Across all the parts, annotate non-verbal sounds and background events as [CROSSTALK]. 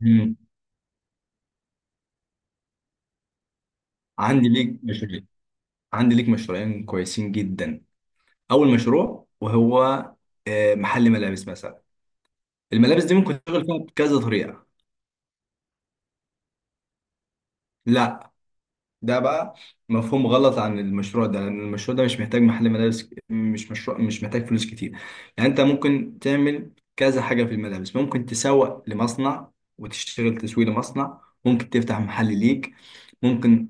مم. عندي ليك مشروعين كويسين جدا. اول مشروع وهو محل ملابس مثلا. الملابس دي ممكن تشتغل فيها بكذا طريقه. لا، ده بقى مفهوم غلط عن المشروع ده لان المشروع ده مش محتاج محل ملابس، مش مشروع مش محتاج فلوس كتير. يعني انت ممكن تعمل كذا حاجه في الملابس، ممكن تسوق لمصنع وتشتغل تسويق لمصنع، ممكن تفتح محل ليك. ممكن.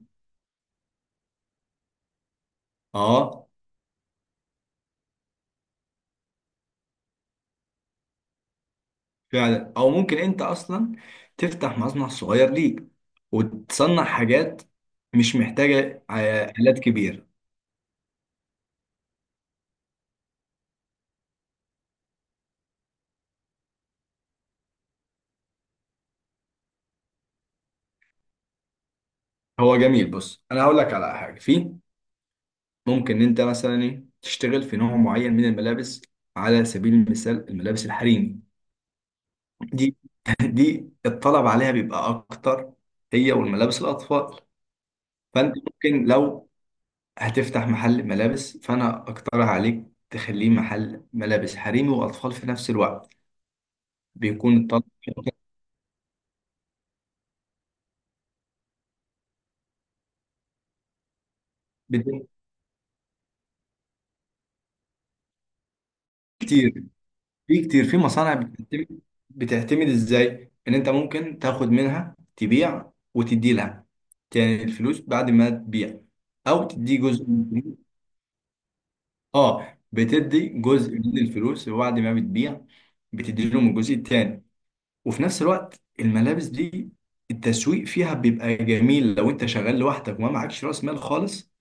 اه فعلا. او ممكن انت اصلا تفتح مصنع صغير ليك وتصنع حاجات مش محتاجه آلات كبيره. هو جميل. بص، انا هقول لك على حاجه. في ممكن انت مثلا تشتغل في نوع معين من الملابس. على سبيل المثال الملابس الحريمي دي [LAUGHS] دي الطلب عليها بيبقى اكتر، هي والملابس الاطفال. فانت ممكن لو هتفتح محل ملابس، فانا اقترح عليك تخليه محل ملابس حريمي واطفال في نفس الوقت. بيكون الطلب بت- كتير. في كتير في مصانع بتعتمد ازاي ان انت ممكن تاخد منها تبيع وتدي لها، يعني الفلوس بعد ما تبيع، او تدي جزء من الفلوس. اه، بتدي جزء من الفلوس وبعد ما بتبيع بتدي لهم الجزء التاني. وفي نفس الوقت الملابس دي التسويق فيها بيبقى جميل. لو انت شغال لوحدك وما معكش راس مال خالص،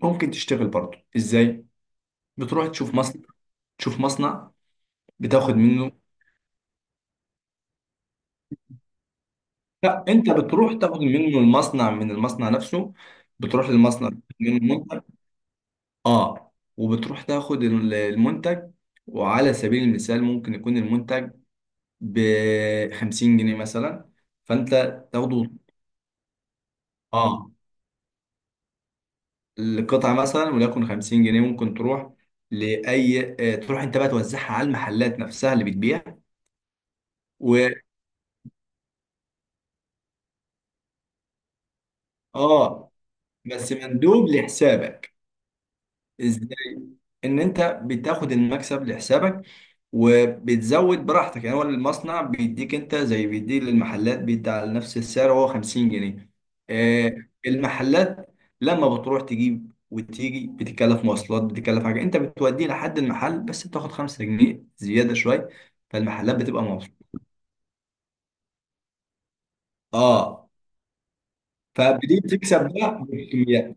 ممكن تشتغل برضه ازاي؟ بتروح تشوف مصنع. تشوف مصنع بتاخد منه. لا، انت بتروح تاخد منه المصنع، من المصنع نفسه. بتروح للمصنع تاخد منه المنتج. اه، وبتروح تاخد المنتج. وعلى سبيل المثال ممكن يكون المنتج ب 50 جنيه مثلا. فانت تاخده. اه، القطعه مثلا وليكن 50 جنيه، ممكن تروح لاي تروح انت بقى توزعها على المحلات نفسها اللي بتبيع. و اه بس مندوب لحسابك. ازاي؟ ان انت بتاخد المكسب لحسابك وبتزود براحتك. يعني هو المصنع بيديك انت زي بيدي للمحلات، بيدي على نفس السعر هو 50 جنيه. آه، المحلات لما بتروح تجيب وتيجي بتتكلف مواصلات، بتتكلف حاجه. انت بتوديه لحد المحل بس بتاخد 5 جنيه زياده شويه، فالمحلات بتبقى مبسوطه. اه، فبتيجي تكسب بقى بالكميات.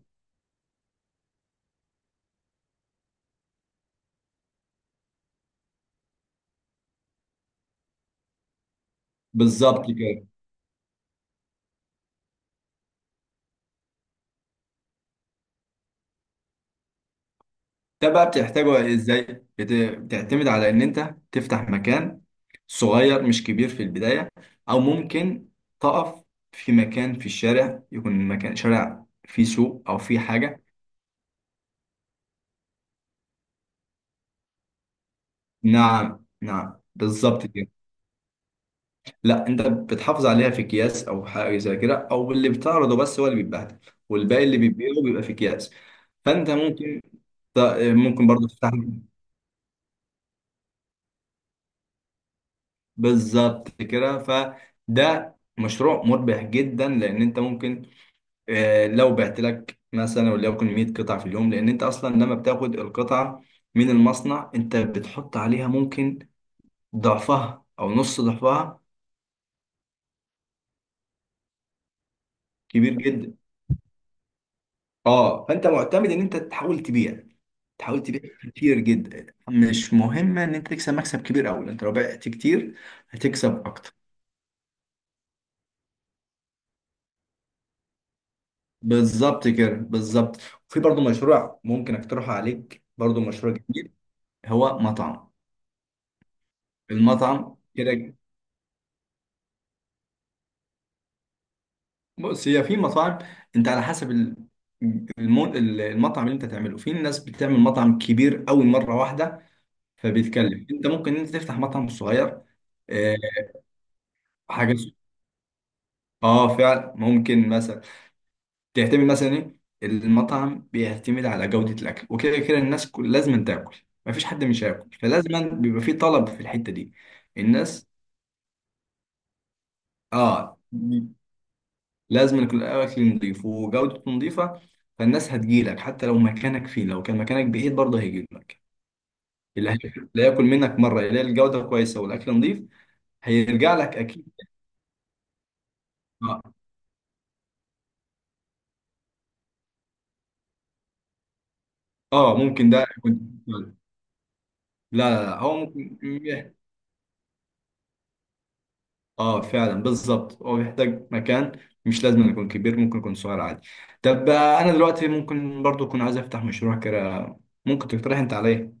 بالظبط كده. ده بقى بتحتاجه ازاي؟ بت- بتعتمد على ان انت تفتح مكان صغير مش كبير في البداية. او ممكن تقف في مكان في الشارع، يكون مكان شارع فيه سوق او فيه حاجة. نعم نعم بالظبط كده. لا، انت بتحافظ عليها في اكياس او حاجة زي كده، او اللي بتعرضه بس هو اللي بيتبهدل، والباقي اللي بيبيعه بيبقى في اكياس. فانت ممكن ت- ممكن برضه تفتح. بالظبط كده. فده مشروع مربح جدا لان انت ممكن لو بعت لك مثلا وليكن 100 قطعة في اليوم. لأن أنت أصلا لما بتاخد القطعة من المصنع، أنت بتحط عليها ممكن ضعفها أو نص ضعفها. كبير جدا. أه، فأنت معتمد إن أنت تحاول تبيع. كتير جدا. مش مهم إن أنت تكسب مكسب كبير أوي، أنت لو بعت كتير هتكسب أكتر. بالظبط كده، بالظبط. في برضو مشروع ممكن أقترحه عليك، برضو مشروع جديد. هو مطعم. المطعم كده. بص، هي في مطاعم. انت على حسب المطعم اللي انت تعمله. في ناس بتعمل مطعم كبير قوي مره واحده، فبيتكلم. انت ممكن انت تفتح مطعم صغير. آه، حاجه س- اه فعلا ممكن مثلا تعتمد مثلا ايه. المطعم بيعتمد على جوده الاكل وكده. كده الناس لازم تاكل، مفيش حد مش هياكل، فلازم بيبقى في طلب في الحته دي. الناس اه، لازم يكون الاكل نظيف وجودته نظيفه. فالناس هتجيلك حتى لو مكانك فيه، لو كان مكانك بعيد برضه هيجيلك. اللي هي- [LAUGHS] اللي هياكل منك مره يلاقي الجوده كويسه والاكل نظيف، هيرجع لك اكيد. اه اه، ممكن ده يكون. لا، لا، لا، هو ممكن. اه فعلا، بالظبط. هو بيحتاج مكان مش لازم يكون كبير، ممكن يكون صغير عادي. طب انا دلوقتي ممكن برضه اكون عايز افتح مشروع كده، ممكن تقترح انت عليا.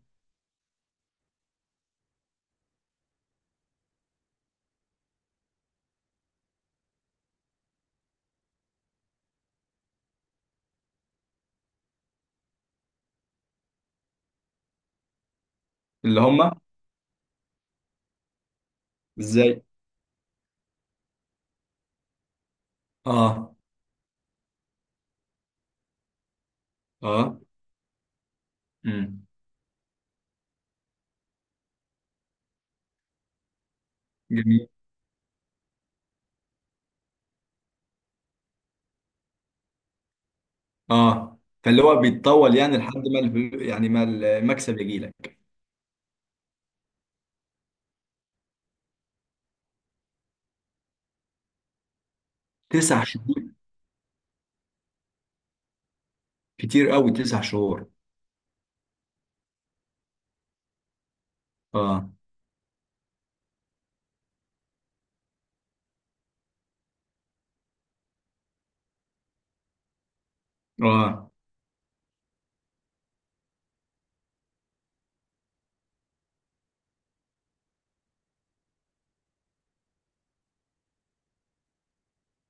اللي هم. ازاي. اه. اه. امم جميل. اه، فاللي هو بيتطول، يعني لحد ما يعني ما المكسب يجي لك. 9 شهور؟ كتير قوي، 9 شهور. اه اه.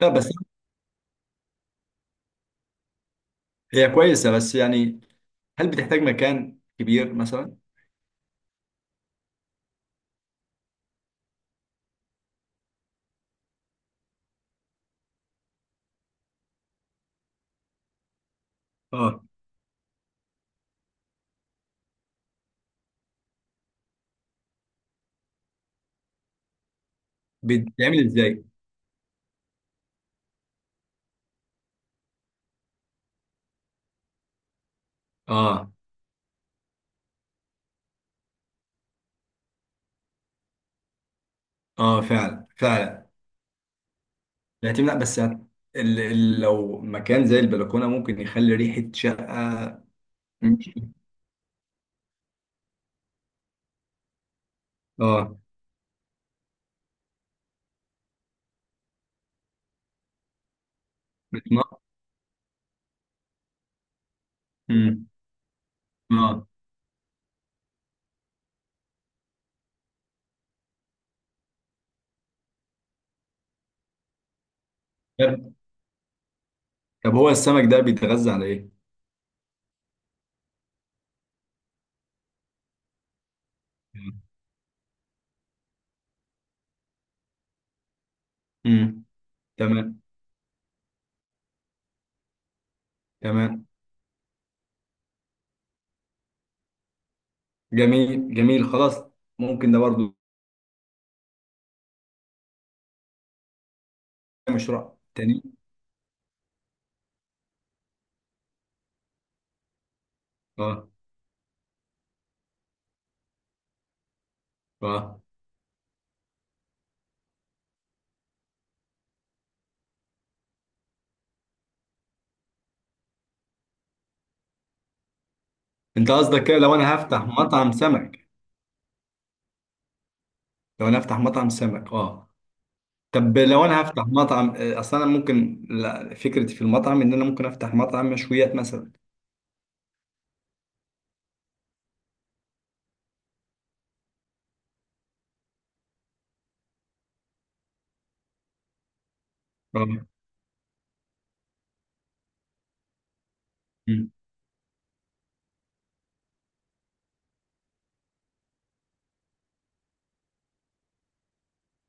لا بس هي كويسه، بس يعني، هل بتحتاج مكان كبير مثلا؟ اه، بتتعمل ازاي؟ اه اه فعلا فعلا. يتم، لا بس هت- لو مكان زي البلكونه ممكن يخلي ريحه شقه. مش- اه. بتنقط. مم. اه. طب هو السمك ده بيتغذى على ايه؟ مم. تمام. تمام. جميل جميل. خلاص. ممكن ده برضو. مشروع تاني. اه اه. انت قصدك كده لو انا هفتح مطعم سمك؟ لو انا هفتح مطعم سمك، اه. طب لو انا هفتح مطعم اصل انا ممكن لا، فكرتي في المطعم ان انا ممكن افتح مطعم مشويات مثلا. اه. مم.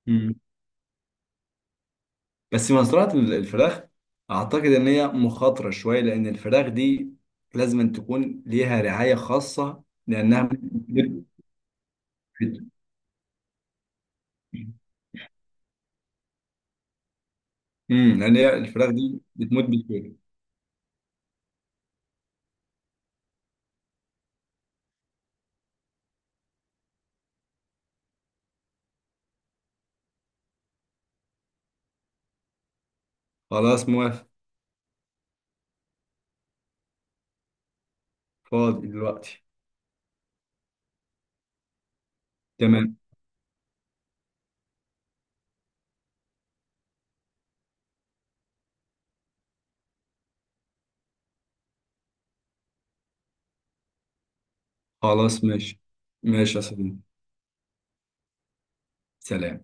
مم. بس مزرعة الفراخ اعتقد ان هي مخاطرة شوية، لان الفراخ دي لازم أن تكون ليها رعاية خاصة لانها بت- مم، لان هي الفراخ دي بتموت بسهولة. خلاص موافق. فاضي دلوقتي. تمام خلاص ماشي. ماشي يا صديقي. سلام.